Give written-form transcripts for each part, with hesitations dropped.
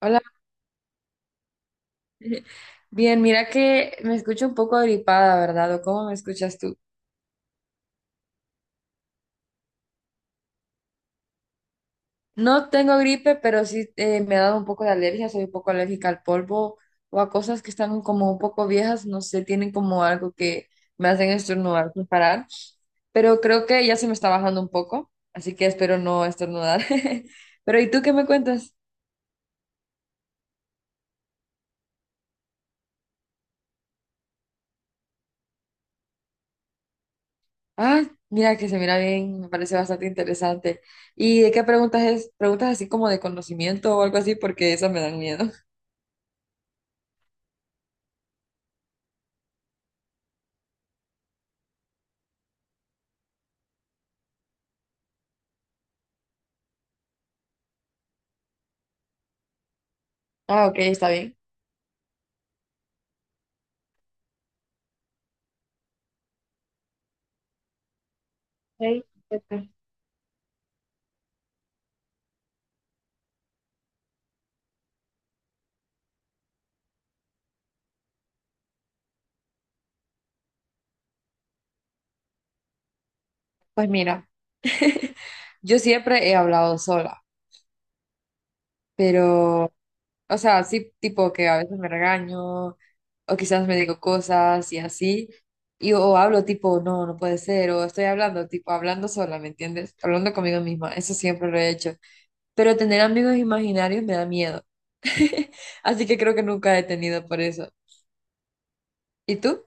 Hola, bien, mira que me escucho un poco gripada, ¿verdad? ¿O cómo me escuchas tú? No tengo gripe, pero sí me ha dado un poco de alergia, soy un poco alérgica al polvo o a cosas que están como un poco viejas, no sé, tienen como algo que me hacen estornudar sin parar, pero creo que ya se me está bajando un poco, así que espero no estornudar. Pero ¿y tú qué me cuentas? Ah, mira que se mira bien, me parece bastante interesante. ¿Y de qué preguntas es? ¿Preguntas así como de conocimiento o algo así? Porque esas me dan miedo. Ah, ok, está bien. Ok, ¿qué? Pues mira, yo siempre he hablado sola, pero, o sea, sí, tipo que a veces me regaño o quizás me digo cosas y así, y o hablo tipo, no, no puede ser, o estoy hablando, tipo, hablando sola, ¿me entiendes? Hablando conmigo misma, eso siempre lo he hecho, pero tener amigos imaginarios me da miedo, así que creo que nunca he tenido por eso. ¿Y tú?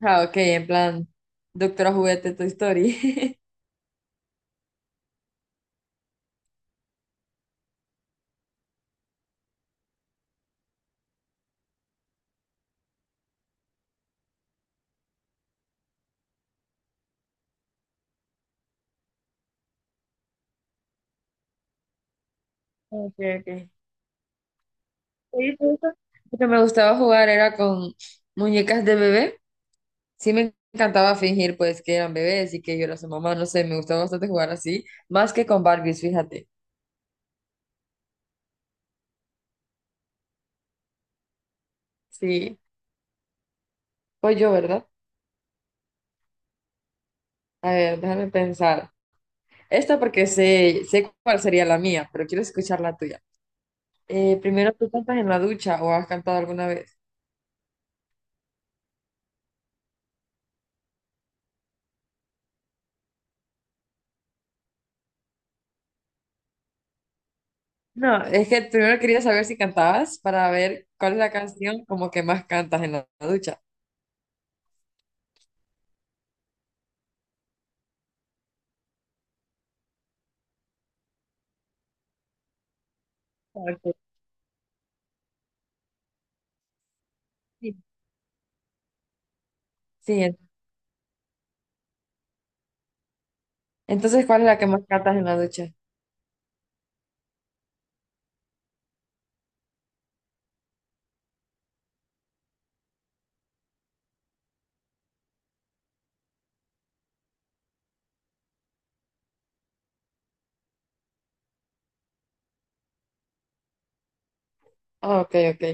Ah, ok, en plan, doctora juguete, Toy Story. Ok, ok. Sí, justo. Lo que me gustaba jugar era con muñecas de bebé. Sí me encantaba fingir pues que eran bebés y que yo era su mamá, no sé, me gustaba bastante jugar así, más que con Barbies, fíjate. Sí, pues yo, ¿verdad? A ver, déjame pensar. Esta porque sé cuál sería la mía, pero quiero escuchar la tuya. Primero, ¿tú cantas en la ducha o has cantado alguna vez? No, es que primero quería saber si cantabas para ver cuál es la canción como que más cantas en la ducha. Ok. Sí, entonces, ¿cuál es la que más cantas en la ducha? Ah, ok, ok.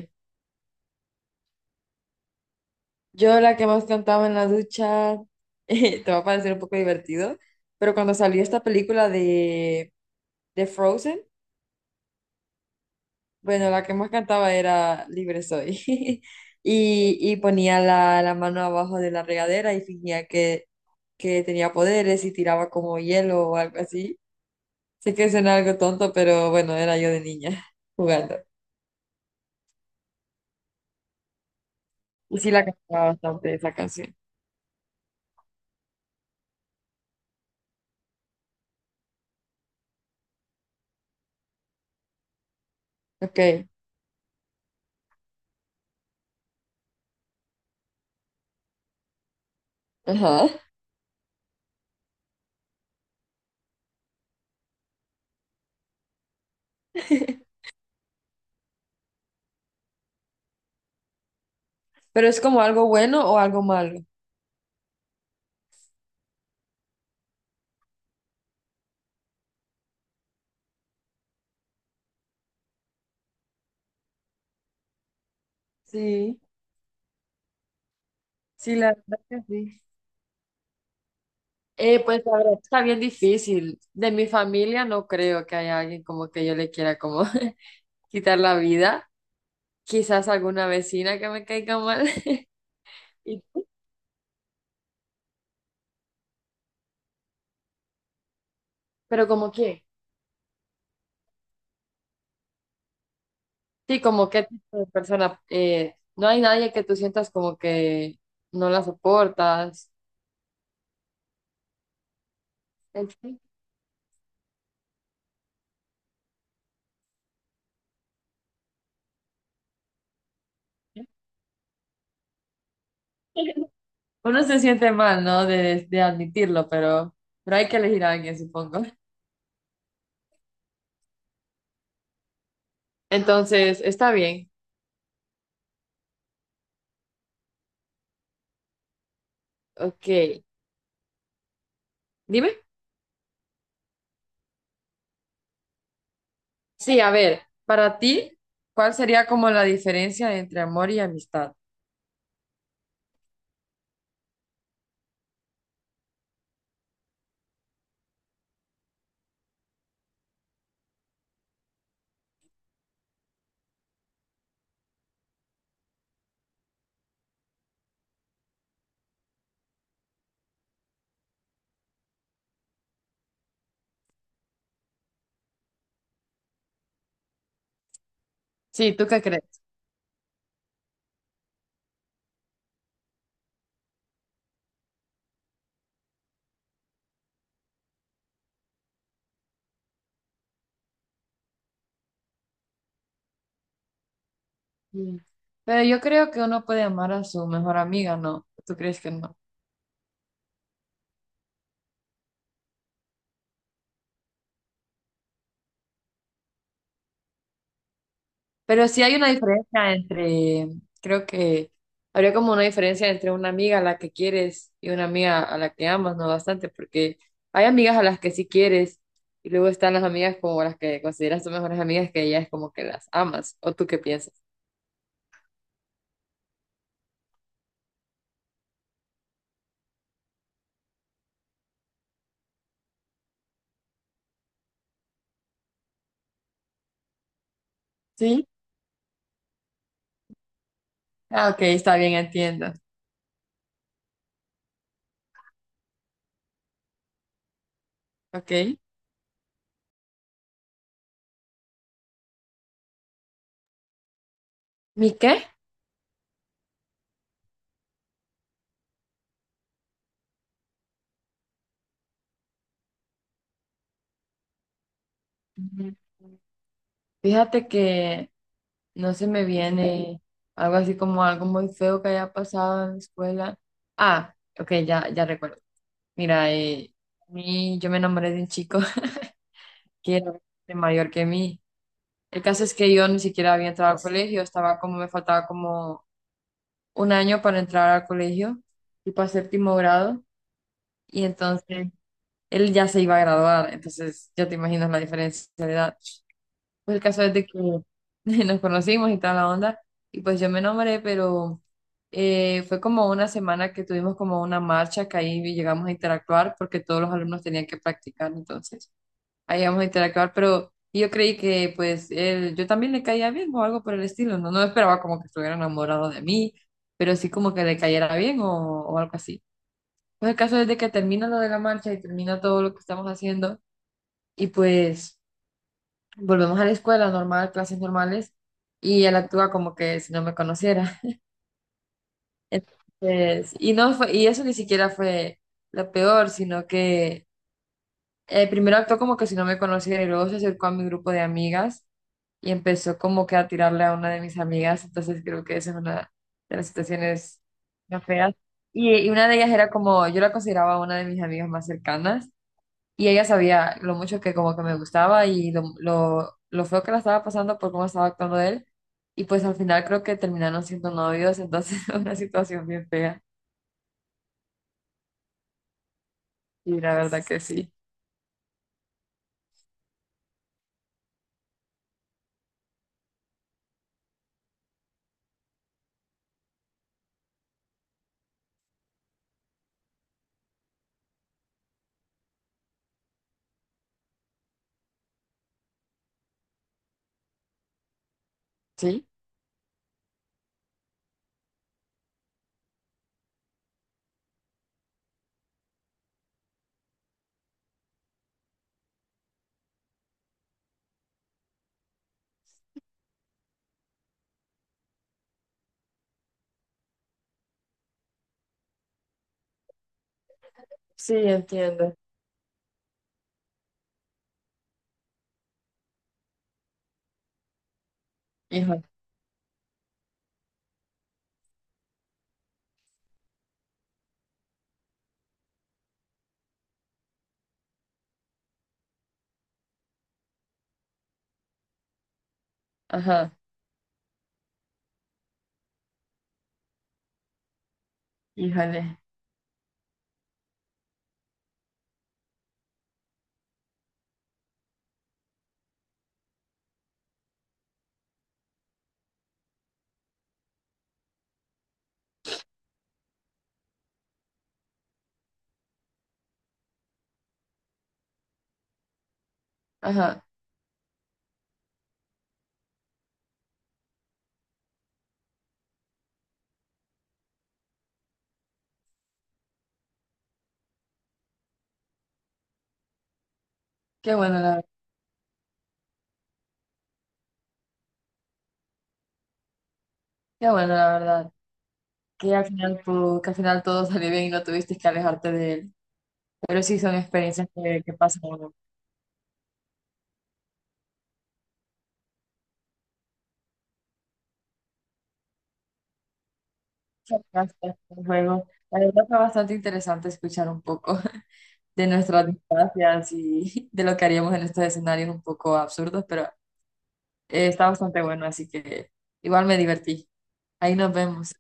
Yo la que más cantaba en la ducha, te va a parecer un poco divertido, pero cuando salió esta película de Frozen, bueno, la que más cantaba era Libre Soy. Y, y ponía la mano abajo de la regadera y fingía que tenía poderes y tiraba como hielo o algo así. Sé que suena algo tonto, pero bueno, era yo de niña jugando. Y sí la cantaba bastante esa canción. Ok, ajá. Pero es como algo bueno o algo malo. Sí, sí, la verdad que sí. Pues la verdad está bien difícil. De mi familia no creo que haya alguien como que yo le quiera como quitar la vida. Quizás alguna vecina que me caiga mal. Y- Pero como que, sí, como qué tipo de persona. No hay nadie que tú sientas como que no la soportas. En fin, uno se siente mal, ¿no? De admitirlo, pero hay que elegir a alguien, supongo. Entonces, está bien. Ok, dime. Sí, a ver, para ti, ¿cuál sería como la diferencia entre amor y amistad? Sí, ¿tú qué crees? Mm. Pero yo creo que uno puede amar a su mejor amiga, ¿no? ¿Tú crees que no? Pero sí hay una diferencia entre, creo que habría como una diferencia entre una amiga a la que quieres y una amiga a la que amas, ¿no? Bastante, porque hay amigas a las que sí quieres y luego están las amigas como las que consideras tus mejores amigas que ya es como que las amas, ¿o tú qué piensas? Sí. Ah, ok, está bien, entiendo. Ok. ¿Mi qué? Ujú. Fíjate que no se me viene algo así como algo muy feo que haya pasado en la escuela. Ah, ok, ya, ya recuerdo. Mira, yo me enamoré de un chico que era bastante mayor que mí. El caso es que yo ni siquiera había entrado al colegio, estaba como, me faltaba como un año para entrar al colegio, tipo a séptimo grado, y entonces él ya se iba a graduar, entonces ya te imaginas la diferencia de edad. Pues el caso es de que nos conocimos y toda la onda, y pues yo me nombré, pero fue como una semana que tuvimos como una marcha que ahí llegamos a interactuar porque todos los alumnos tenían que practicar, entonces ahí llegamos a interactuar, pero yo creí que pues él, yo también le caía bien o algo por el estilo, no, no esperaba como que estuviera enamorado de mí, pero sí como que le cayera bien o algo así. Pues el caso es de que termina lo de la marcha y termina todo lo que estamos haciendo, y pues... Volvemos a la escuela normal, clases normales, y él actúa como que si no me conociera. Entonces, y no fue, y eso ni siquiera fue lo peor, sino que primero actuó como que si no me conociera y luego se acercó a mi grupo de amigas y empezó como que a tirarle a una de mis amigas, entonces creo que esa es una de las situaciones más feas. Y una de ellas era como, yo la consideraba una de mis amigas más cercanas. Y ella sabía lo mucho que como que me gustaba y lo feo que la estaba pasando por cómo estaba actuando él. Y pues al final creo que terminaron siendo novios, entonces una situación bien fea. Y la verdad que sí. Sí, sí, entiendo. Híjole, ajá, híjole, ajá. Qué bueno la, qué bueno la verdad. Que al final, que al final todo salió bien y no tuviste que alejarte de él. Pero sí son experiencias que pasan a uno. Muchas gracias por el juego. La verdad fue bastante interesante escuchar un poco de nuestras distancias y de lo que haríamos en estos escenarios un poco absurdos, pero está bastante bueno, así que igual me divertí. Ahí nos vemos.